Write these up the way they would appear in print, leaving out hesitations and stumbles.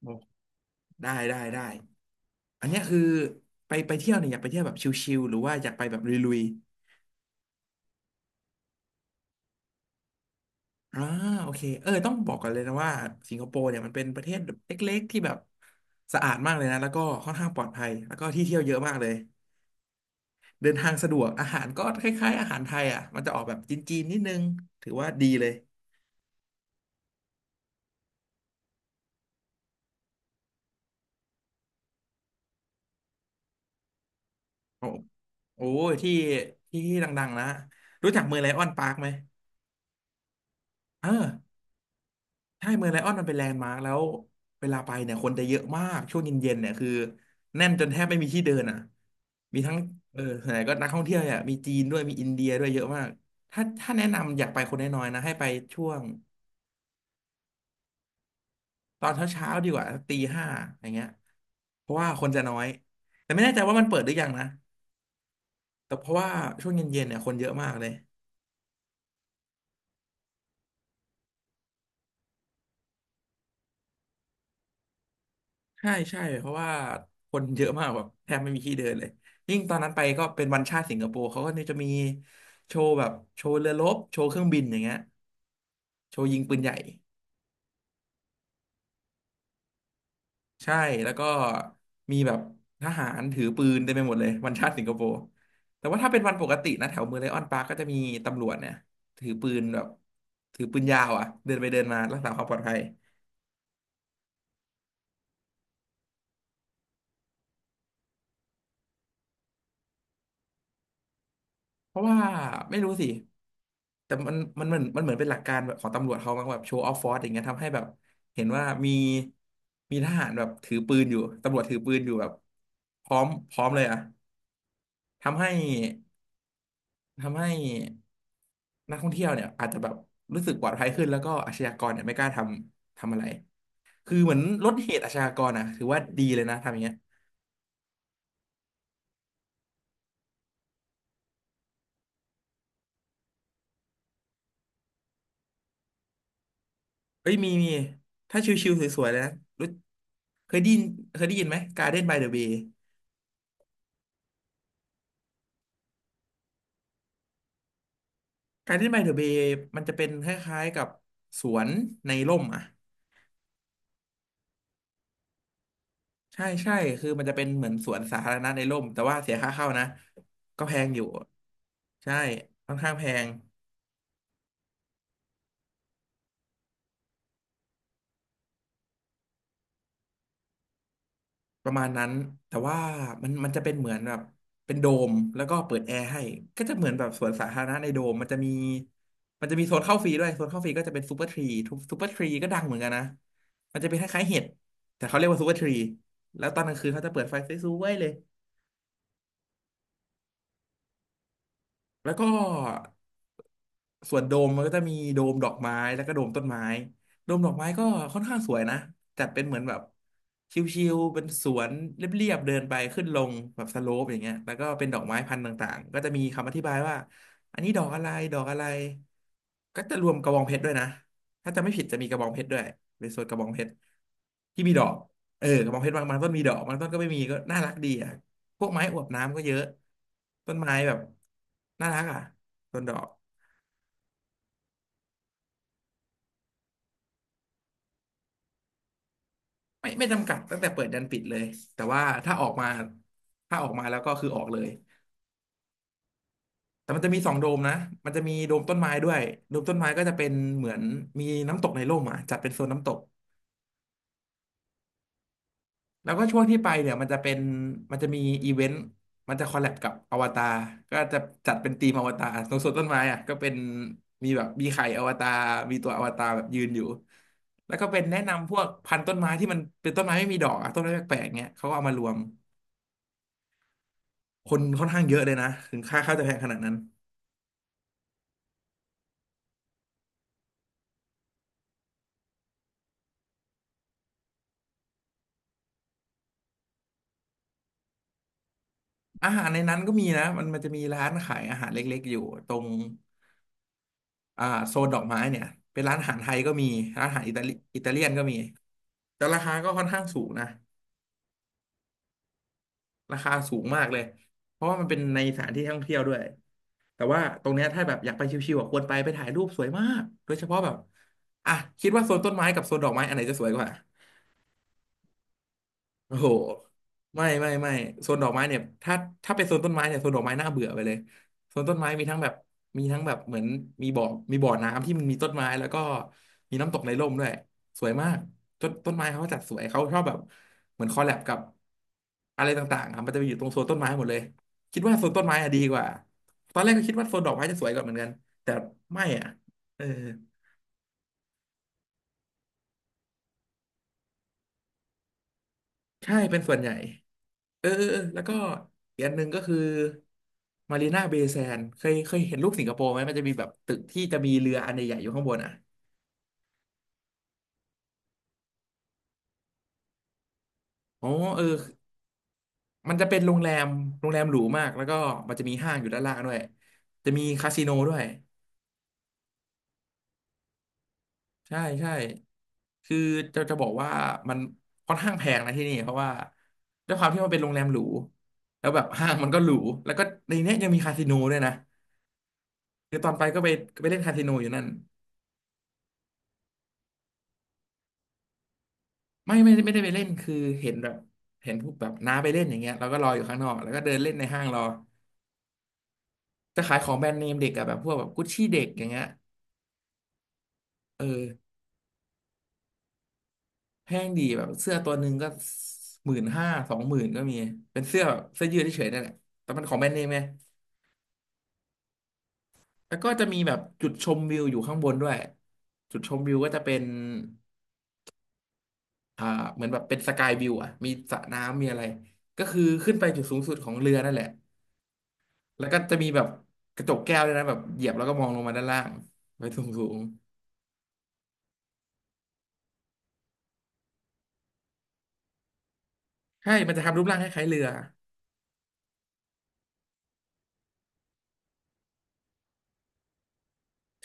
โอ้ได้ได้ได้อันเนี้ยคือไปเที่ยวเนี่ยอยากไปเที่ยวแบบชิลๆหรือว่าอยากไปแบบลุยๆโอเคต้องบอกก่อนเลยนะว่าสิงคโปร์เนี่ยมันเป็นประเทศเล็กๆที่แบบสะอาดมากเลยนะแล้วก็ค่อนข้างปลอดภัยแล้วก็ที่เที่ยวเยอะมากเลยเดินทางสะดวกอาหารก็คล้ายๆอาหารไทยอ่ะมันจะออกแบบจีนๆนิดนึงถือว่าดีเลยโอ้โอ้ยที่ดังๆนะรู้จักเมืองไลออนปาร์คไหมเออ ใช่เมืองไลออนมันเป็นแลนด์มาร์คแล้วเวลาไปเนี่ยคนจะเยอะมากช่วงเย็นๆเนี่ยคือแน่นจนแทบไม่มีที่เดินอ่ะมีทั้งเออส่วนใหญ่ก็นักท่องเที่ยวเนี่ยมีจีนด้วยมีอินเดียด้วยเยอะมากถ้าแนะนำอยากไปคนน้อยๆนะให้ไปช่วงตอนเช้าๆดีกว่าตีห้าอย่างเงี้ยเพราะว่าคนจะน้อยแต่ไม่แน่ใจว่ามันเปิดหรือยังนะแต่เพราะว่าช่วงเย็นๆเนี่ยคนเยอะมากเลย ใช่ใช่เพราะว่าคนเยอะมากแบบแทบไม่มีที่เดินเลยยิ่งตอนนั้นไปก็เป็นวันชาติสิงคโปร์เขาก็เนี่ยจะมีโชว์แบบโชว์เรือรบโชว์เครื่องบินอย่างเงี้ยโชว์ยิงปืนใหญ่ใช่แล้วก็มีแบบทหารถือปืนเต็มไปหมดเลยวันชาติสิงคโปร์แต่ว่าถ้าเป็นวันปกตินะแถวเมืองไลออนปาร์กก็จะมีตำรวจเนี่ยถือปืนแบบถือปืนยาวอ่ะเดินไปเดินมารักษาความปลอดภัย เพราะว่าไม่รู้สิ แต่มันเหมือนเป็นหลักการแบบของตำรวจเขามั้งแบบโชว์ออฟฟอร์สอย่างเงี้ยทำให้แบบเห็นว่ามีทหารแบบถือปืนอยู่ตำรวจถือปืนอยู่แบบพร้อมเลยอะทำให้ทำให้นักท่องเที่ยวเนี่ยอาจจะแบบรู้สึกปลอดภัยขึ้นแล้วก็อาชญากรเนี่ยไม่กล้าทำอะไรคือเหมือนลดเหตุอาชญากรอะถือว่าดีเลยนะทำอย่างเงี้ยเอ้ยมีถ้าชิวๆสวยๆเลยนะรู้เคยได้ยินเคยได้ยินไหม Garden by the Bay การที่ไมเดอะเบย์มันจะเป็นคล้ายๆกับสวนในร่มอ่ะใช่ใช่คือมันจะเป็นเหมือนสวนสาธารณะในร่มแต่ว่าเสียค่าเข้านะก็แพงอยู่ใช่ค่อนข้างแพงประมาณนั้นแต่ว่ามันจะเป็นเหมือนแบบเป็นโดมแล้วก็เปิดแอร์ให้ก็จะเหมือนแบบสวนสาธารณะในโดมมันจะมีโซนเข้าฟรีด้วยโซนเข้าฟรีก็จะเป็นซูเปอร์ทรีทุกซูเปอร์ทรีก็ดังเหมือนกันนะมันจะเป็นคล้ายๆเห็ดแต่เขาเรียกว่าซูเปอร์ทรีแล้วตอนกลางคืนเขาจะเปิดไฟสวยๆเลย แล้วก็ส่วนโดมมันก็จะมีโดมดอกไม้แล้วก็โดมต้นไม้โดมดอกไม้ก็ค่อนข้างสวยนะจัดเป็นเหมือนแบบชิวๆเป็นสวนเรียบๆเดินไปขึ้นลงแบบสโลปอย่างเงี้ยแล้วก็เป็นดอกไม้พันธุ์ต่างๆก็จะมีคำอธิบายว่าอันนี้ดอกอะไรก็จะรวมกระบองเพชรด้วยนะถ้าจะไม่ผิดจะมีกระบองเพชรด้วยเป็นโซนกระบองเพชรที่มีดอกเออกระบองเพชรบางต้นมีดอกบางต้นก็ไม่มีก็น่ารักดีอ่ะ พวกไม้อวบน้ำก็เยอะต้นไม้แบบน่ารักอ่ะต้นดอกไม่จำกัดตั้งแต่เปิดยันปิดเลยแต่ว่าถ้าออกมาแล้วก็คือออกเลยแต่มันจะมีสองโดมนะมันจะมีโดมต้นไม้ด้วยโดมต้นไม้ก็จะเป็นเหมือนมีน้ำตกในร่มอ่ะจัดเป็นโซนน้ำตก แล้วก็ช่วงที่ไปเนี่ยมันจะมีอีเวนต์มันจะคอลแลบกับอวตารก็จะจัดเป็นทีมอวตารตรงสวนต้นไม้อ่ะก็เป็นมีแบบมีไข่อวตารมีตัวอวตารแบบยืนอยู่แล้วก็เป็นแนะนำพวกพันธุ์ต้นไม้ที่มันเป็นต้นไม้ไม่มีดอกอะต้นไม้แปลกๆเงี้ยเขาก็เอามารวมคนค่อนข้างเยอะเลยนะถึงค่าข้าวจะแพงขนาดนั้นอาหารในนั้นก็มีนะมันจะมีร้านขายอาหารเล็กๆอยู่ตรงอ่าโซนดอกไม้เนี่ยเป็นร้านอาหารไทยก็มีร้านอาหารอิตาลีอิตาเลียนก็มีแต่ราคาก็ค่อนข้างสูงนะ ราคาสูงมากเลย เพราะว่ามันเป็นในสถานที่ท่องเที่ยวด้วย แต่ว่าตรงเนี้ยถ้าแบบอยากไปชิวๆอ่ะควรไปถ่ายรูปสวยมากโดยเฉพาะแบบ อ่ะคิดว่าโซนต้นไม้กับโซนดอกไม้อันไหนจะสวยกว่า โอ้โหไม่ไม่ไม่โซนดอกไม้เนี่ยถ้าเป็นโซนต้นไม้เนี่ยโซนดอกไม้น่าเบื่อไปเลยโซนต้นไม้มีทั้งแบบเหมือนมีบ่อมีบ่อน้ำที่มันมีต้นไม้แล้วก็มีน้ำตกในร่มด้วยสวยมากต้นไม้เขาจัดสวยเขาชอบแบบเหมือนคอลแลบกับอะไรต่างๆอ่ะมันจะไปอยู่ตรงโซนต้นไม้หมดเลยคิดว่าโซนต้นไม้อะดีกว่าตอนแรกก็คิดว่าโซนดอกไม้จะสวยกว่าเหมือนกันแต่ไม่อ่ะเออใช่เป็นส่วนใหญ่ เออเออเออแล้วก็อีกอันหนึ่งก็คือมารีนาเบย์แซนเคยเห็นรูปสิงคโปร์ไหมมันจะมีแบบตึกที่จะมีเรืออันใหญ่ๆอยู่ข้างบนอ่ะอ๋อเออมันจะเป็นโรงแรมโรงแรมหรูมากแล้วก็มันจะมีห้างอยู่ด้านล่างด้วยจะมีคาสิโนด้วยใช่ใช่คือจะบอกว่ามันค่อนข้างแพงนะที่นี่เพราะว่าด้วยความที่มันเป็นโรงแรมหรูแล้วแบบห้างมันก็หรูแล้วก็ในเนี้ยยังมีคาสิโนด้วยนะคือตอนไปก็ไปเล่นคาสิโนอยู่นั่น ไม่ไม่ไม่ได้ไปเล่นคือเห็นแบบเห็นพวกแบบน้าไปเล่นอย่างเงี้ยเราก็รออยู่ข้างนอกแล้วก็เดินเล่นในห้างรอจะขายของแบรนด์เนมเด็กอะแบบพวกแบบกุชชี่เด็กอย่างเงี้ยเออแพงดีแบบเสื้อตัวหนึ่งก็15,000 20,000ก็มีเป็นเสื้อแบบเสื้อยืดเฉยๆนั่นแหละแต่มันของแบรนด์เนมไงแล้วก็จะมีแบบจุดชมวิวอยู่ข้างบนด้วยจุดชมวิวก็จะเป็นอ่าเหมือนแบบเป็นสกายวิวอะมีสระน้ำมีอะไรก็คือขึ้นไปจุดสูงสุดของเรือนั่นแหละ แล้วก็จะมีแบบกระจกแก้วด้วยนะแบบเหยียบแล้วก็มองลงมาด้านล่างไปสูงสูงใช่มันจะทำรูปร่างคล้ายๆเรือ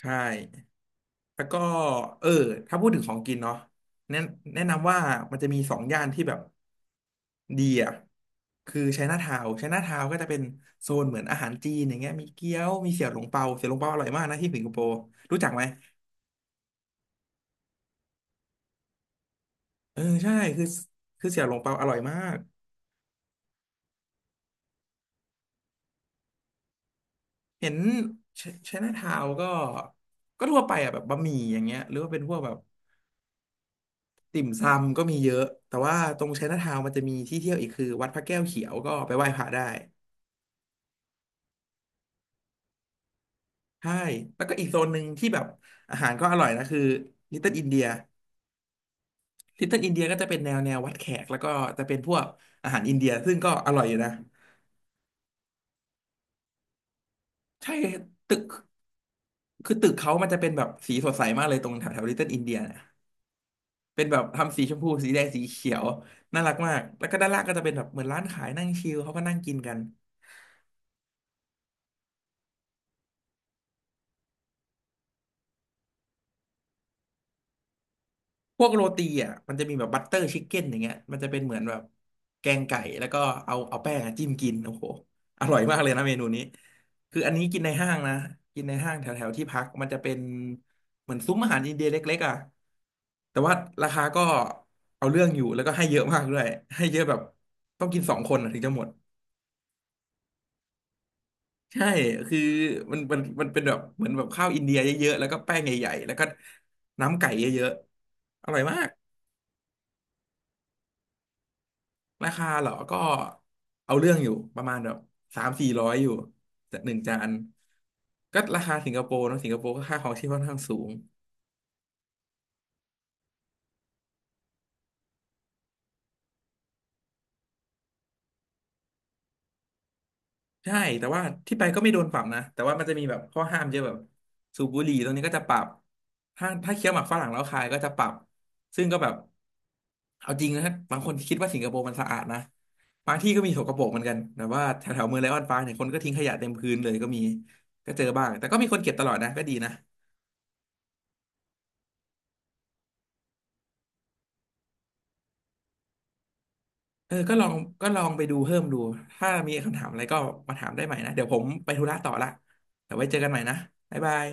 ใช่แล้วก็เออถ้าพูดถึงของกินเนาะแนะแนะนำว่ามันจะมีสองย่านที่แบบดีอ่ะคือไชน่าทาวน์ไชน่าทาวน์ก็จะเป็นโซนเหมือนอาหารจีนอย่างเงี้ยมีเกี๊ยวมีเสี่ยวหลงเปาเสี่ยวหลงเปาอร่อยมากนะที่สิงคโปร์รู้จักไหมเออใช่คือคือเสี่ยวหลงเปาอร่อยมากเห็นไชน่าทาวน์ก็ทั่วไปอ่ะแบบบะหมี่อย่างเงี้ยหรือว่าเป็นพวกแบบ ติ่มซำก็มีเยอะแต่ว่าตรงไชน่าทาวน์มันจะมีที่เที่ยวอีกคือวัดพระแก้วเขียวก็ไปไหว้พระได้ใช่แล้วก็อีกโซนหนึ่งที่แบบอาหารก็อร่อยนะคือลิตเติ้ลอินเดียลิตเติ้ลอินเดียก็จะเป็นแนววัดแขกแล้วก็จะเป็นพวกอาหารอินเดียซึ่งก็อร่อยอยู่นะใช่ตึกคือตึกเขามันจะเป็นแบบสีสดใสมากเลยตรงแถวแถวลิตเติ้ลอินเดียเนี่ยเป็นแบบทำสีชมพูสีแดงสีเขียวน่ารักมากแล้วก็ด้านล่างก็จะเป็นแบบเหมือนร้านขายนั่งชิลเขาก็นั่งกินกัน พวกโรตีอ่ะมันจะมีแบบบัตเตอร์ชิคเก้นอย่างเงี้ยมันจะเป็นเหมือนแบบแกงไก่แล้วก็เอาแป้งอะจิ้มกินโอ้โหอร่อยมากเลยนะเมนูนี้คืออันนี้กินในห้างนะกินในห้างแถวแถวที่พักมันจะเป็นเหมือนซุ้มอาหารอินเดียเล็กๆอ่ะแต่ว่าราคาก็เอาเรื่องอยู่แล้วก็ให้เยอะมากด้วยให้เยอะแบบต้องกินสองคนอะถึงจะหมดใช่คือมันเป็นแบบเหมือนแบบข้าวอินเดียเยอะๆแล้วก็แป้งใหญ่ๆแล้วก็น้ำไก่เยอะๆอร่อยมาก ราคาเหรอ ก็เอาเรื่องอยู่ประมาณแบบ300 400อยู่จากหนึ่งจานก็ราคาสิงคโปร์เนอะสิงคโปร์ก็ค่าครองชีพค่อนข้างสูงใช่แต่ว่าที่ไปก็ไม่โดนปรับนะแต่ว่ามันจะมีแบบข้อห้ามเยอะแบบสูบบุหรี่ตรงนี้ก็จะปรับถ้าเคี้ยวหมากฝรั่งแล้วคายก็จะปรับซึ่งก็แบบเอาจริงนะบางคนคิดว่าสิงคโปร์มันสะอาดนะบางที่ก็มีสกปรกเหมือนกันแต่ว่าแถวแถวเมืองไลออนปาร์คเนี่ยคนก็ทิ้งขยะเต็มพื้นเลยก็มีก็เจอบ้างแต่ก็มีคนเก็บตลอดนะก็ดีนะ เออก็ลองก็ลองไปดูเพิ่มดูถ้ามีคำถามอะไรก็มาถามได้ใหม่นะเดี๋ยวผมไปธุระต่อละเดี๋ยวไว้เจอกันใหม่นะบ๊ายบาย